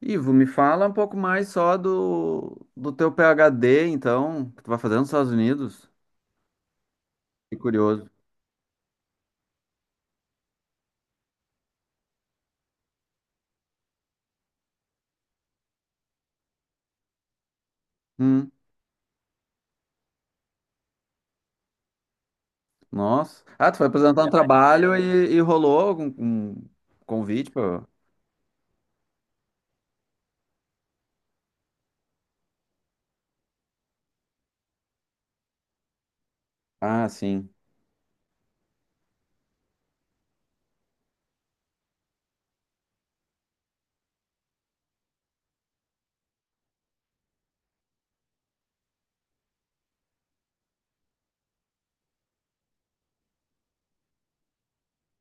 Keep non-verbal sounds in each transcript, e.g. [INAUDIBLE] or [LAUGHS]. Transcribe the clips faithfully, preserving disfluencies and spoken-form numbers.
Ivo, me fala um pouco mais só do, do teu PhD, então, que tu vai fazer nos Estados Unidos. Fiquei curioso. Hum. Nossa. Ah, tu foi apresentar um trabalho e, e rolou algum um convite pra. Ah, sim.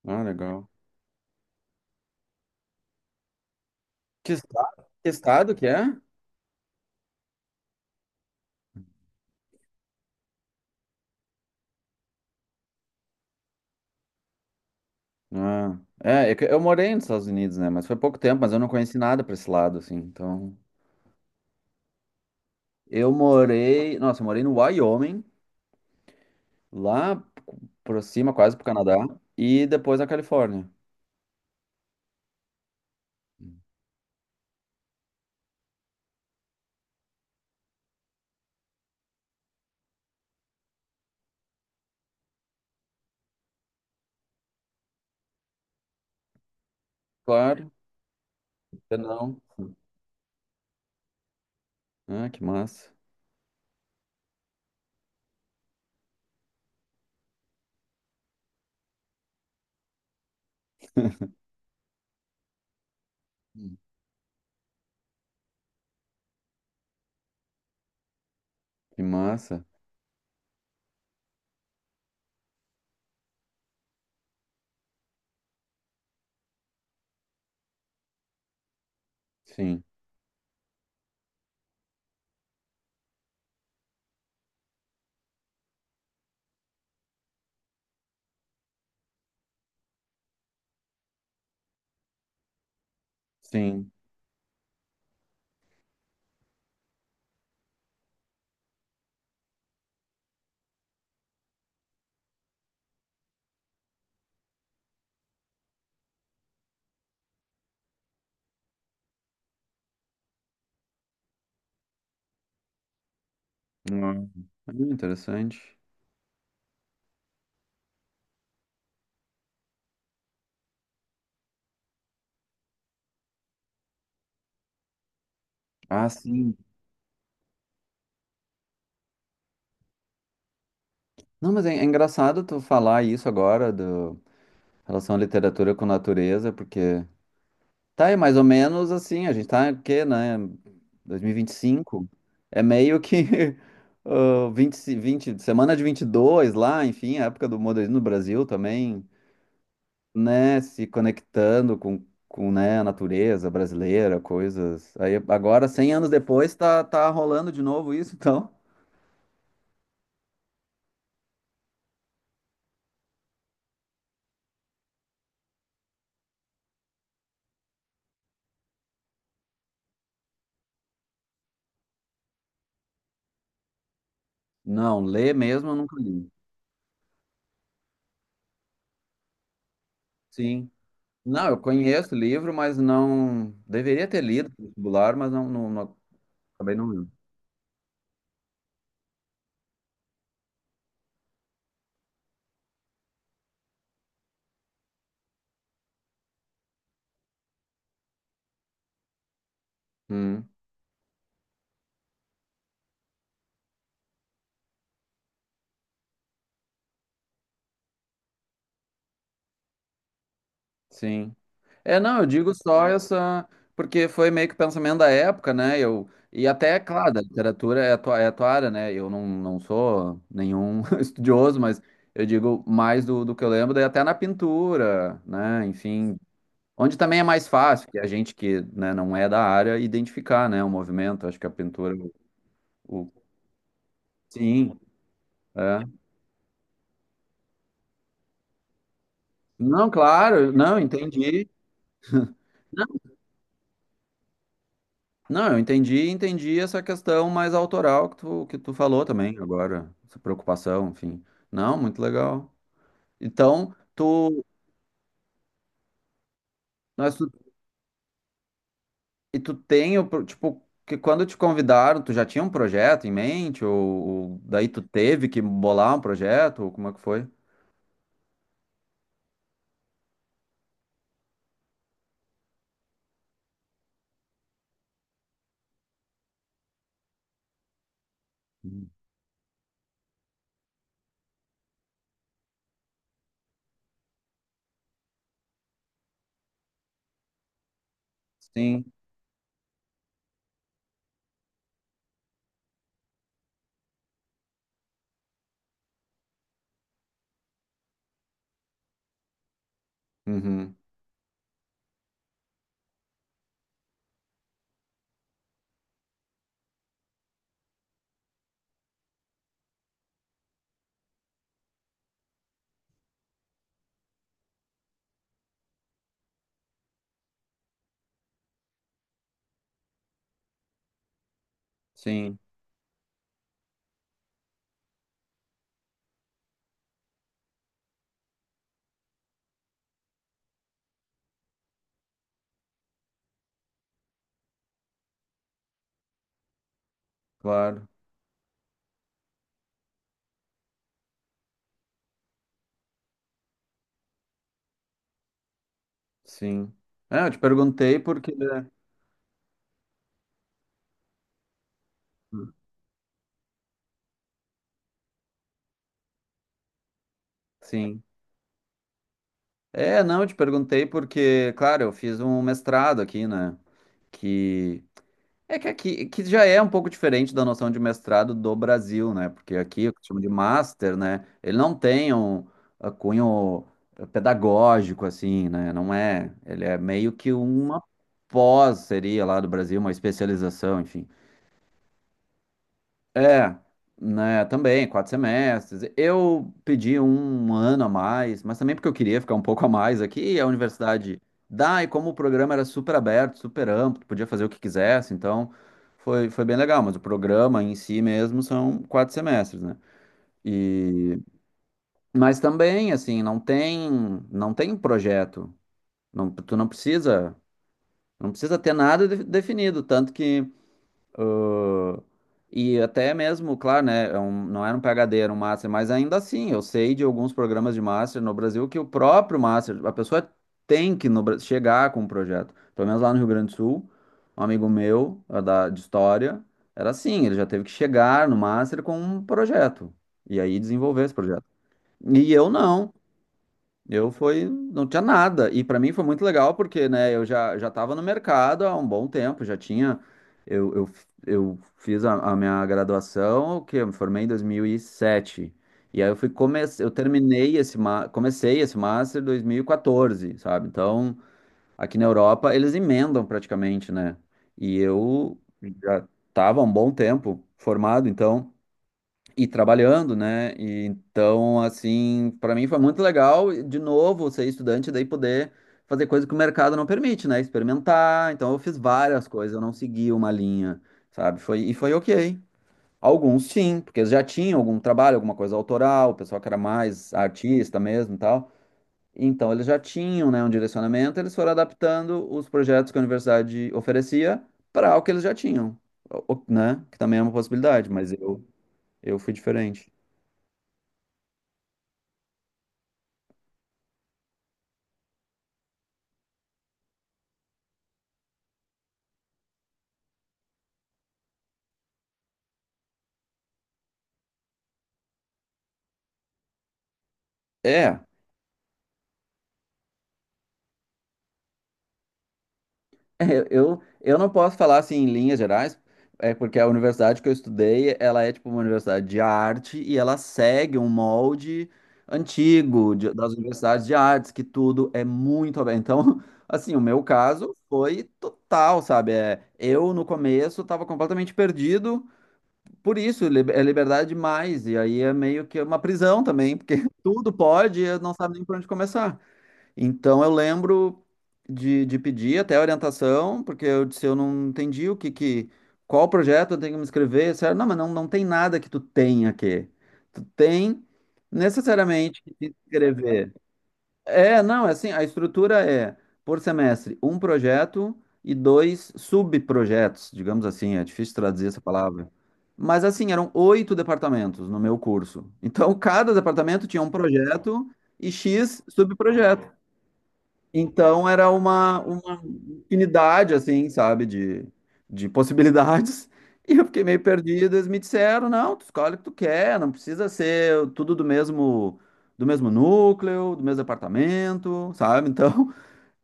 Ah, legal. Que estado, que estado que é? Ah, é, é que eu morei nos Estados Unidos, né? Mas foi pouco tempo, mas eu não conheci nada pra esse lado, assim. Então, eu morei... nossa, eu morei no Wyoming, lá por cima, quase pro Canadá, e depois na Califórnia. Claro. Eu não. Ah, que massa. Hum. Que massa. Sim, sim. Hum. É interessante. Ah, sim. Não, mas é, é engraçado tu falar isso agora, do em relação à literatura com natureza, porque tá aí mais ou menos assim, a gente tá o quê, né? Dois mil e vinte e cinco. É meio que [LAUGHS] ah, vinte 20, vinte, semana de vinte e dois lá, enfim, a época do modernismo no Brasil também. Né, se conectando com, com, né, a natureza brasileira, coisas. Aí agora, cem anos depois, tá, tá rolando de novo isso, então. Não, ler mesmo eu nunca li. Sim. Não, eu conheço o livro, mas não. Deveria ter lido no vestibular, mas não, não, não- acabei não lendo. Hum. Sim. É, não, eu digo só essa, porque foi meio que o pensamento da época, né? Eu, e até, claro, da literatura é a tua, é a tua área, né? Eu não, não sou nenhum [LAUGHS] estudioso, mas eu digo mais do, do que eu lembro, daí até na pintura, né? Enfim, onde também é mais fácil, que a gente que, né, não é da área, identificar, né, o movimento. Acho que a pintura, o, o- sim, é. Não, claro, não, entendi. Não, eu entendi, entendi essa questão mais autoral que tu, que tu falou também agora, essa preocupação, enfim. Não, muito legal. Então, tu, mas tu, e tu tem, o pro- tipo, que quando te convidaram, tu já tinha um projeto em mente, ou, ou daí tu teve que bolar um projeto, ou como é que foi? Uhum. Sim, uhum, sim, claro, sim. É, eu te perguntei porque. Sim. É, não, eu te perguntei porque, claro, eu fiz um mestrado aqui, né? Que É que aqui que já é um pouco diferente da noção de mestrado do Brasil, né? Porque aqui o que se chama de master, né? Ele não tem um uh, cunho uh, pedagógico, assim, né? Não é. Ele é meio que uma pós, seria lá do Brasil, uma especialização, enfim. É, né, também, quatro semestres. Eu pedi um um ano a mais, mas também porque eu queria ficar um pouco a mais aqui, e a universidade dá, e como o programa era super aberto, super amplo, podia fazer o que quisesse, então foi, foi bem legal, mas o programa em si mesmo são quatro semestres, né? E, mas também, assim, não tem, não tem projeto, não, tu não precisa, não precisa ter nada de- definido, tanto que. E até mesmo, claro, né? É um- não era um PhD, era um Master, mas ainda assim, eu sei de alguns programas de Master no Brasil que o próprio Master, a pessoa tem que no Bra- chegar com um projeto. Pelo menos lá no Rio Grande do Sul, um amigo meu, eh, da, de História, era assim, ele já teve que chegar no Master com um projeto, e aí desenvolver esse projeto. E eu não. Eu foi, não tinha nada. E para mim foi muito legal porque, né, eu já já estava no mercado há um bom tempo, já tinha eu, eu, eu fiz a, a minha graduação, que eu me formei em dois mil e sete. E aí eu fui comecei, eu terminei esse ma- comecei esse master em dois mil e quatorze, sabe? Então, aqui na Europa eles emendam praticamente, né? E eu já estava há um bom tempo formado, então e trabalhando, né? E então, assim, para mim foi muito legal, e, de novo, ser estudante, daí poder fazer coisas que o mercado não permite, né? Experimentar. Então, eu fiz várias coisas, eu não segui uma linha, sabe? Foi, e foi ok. Alguns sim, porque eles já tinham algum trabalho, alguma coisa autoral, o pessoal que era mais artista mesmo e tal. Então, eles já tinham, né, um direcionamento, eles foram adaptando os projetos que a universidade oferecia para o que eles já tinham, o- o- né? Que também é uma possibilidade, mas eu, eu fui diferente. É, [LAUGHS] eu, eu não posso falar assim em linhas gerais, é porque a universidade que eu estudei, ela é tipo uma universidade de arte e ela segue um molde antigo de- das universidades de artes, que tudo é muito aberto. Então, [LAUGHS] assim, o meu caso foi total, sabe? É, eu no começo estava completamente perdido, por isso lib- é liberdade demais, e aí é meio que uma prisão também, porque [LAUGHS] tudo pode e eu não sabe nem por onde começar. Então eu lembro de, de pedir até orientação, porque eu disse, eu não entendi o que, que qual projeto eu tenho que me inscrever. Disseram, não, mas não, não tem nada que tu tenha aqui. Tu tem necessariamente que te inscrever. É, não, é assim, a estrutura é por semestre, um projeto e dois subprojetos, digamos assim, é difícil traduzir essa palavra. Mas assim, eram oito departamentos no meu curso. Então, cada departamento tinha um projeto e X subprojetos. Então era uma, uma infinidade, assim, sabe, de, de possibilidades. [LAUGHS] E eu fiquei meio perdido. Eles me disseram, não, tu escolhe o que tu quer, não precisa ser tudo do mesmo, do mesmo núcleo, do mesmo apartamento, sabe? [LAUGHS] Então,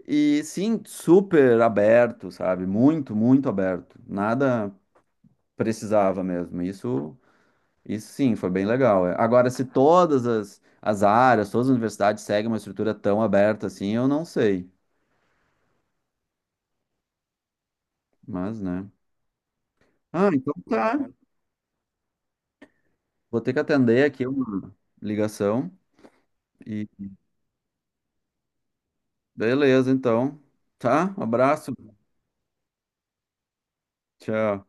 e sim, super aberto, sabe? Muito, muito aberto. Nada precisava mesmo. Isso, isso sim, foi bem legal. É. Agora, se todas as, as áreas, todas as universidades seguem uma estrutura tão aberta assim, eu não sei. Mas, né? Ah, então tá. Vou ter que atender aqui uma ligação. E beleza, então. Tá? Um abraço. Tchau.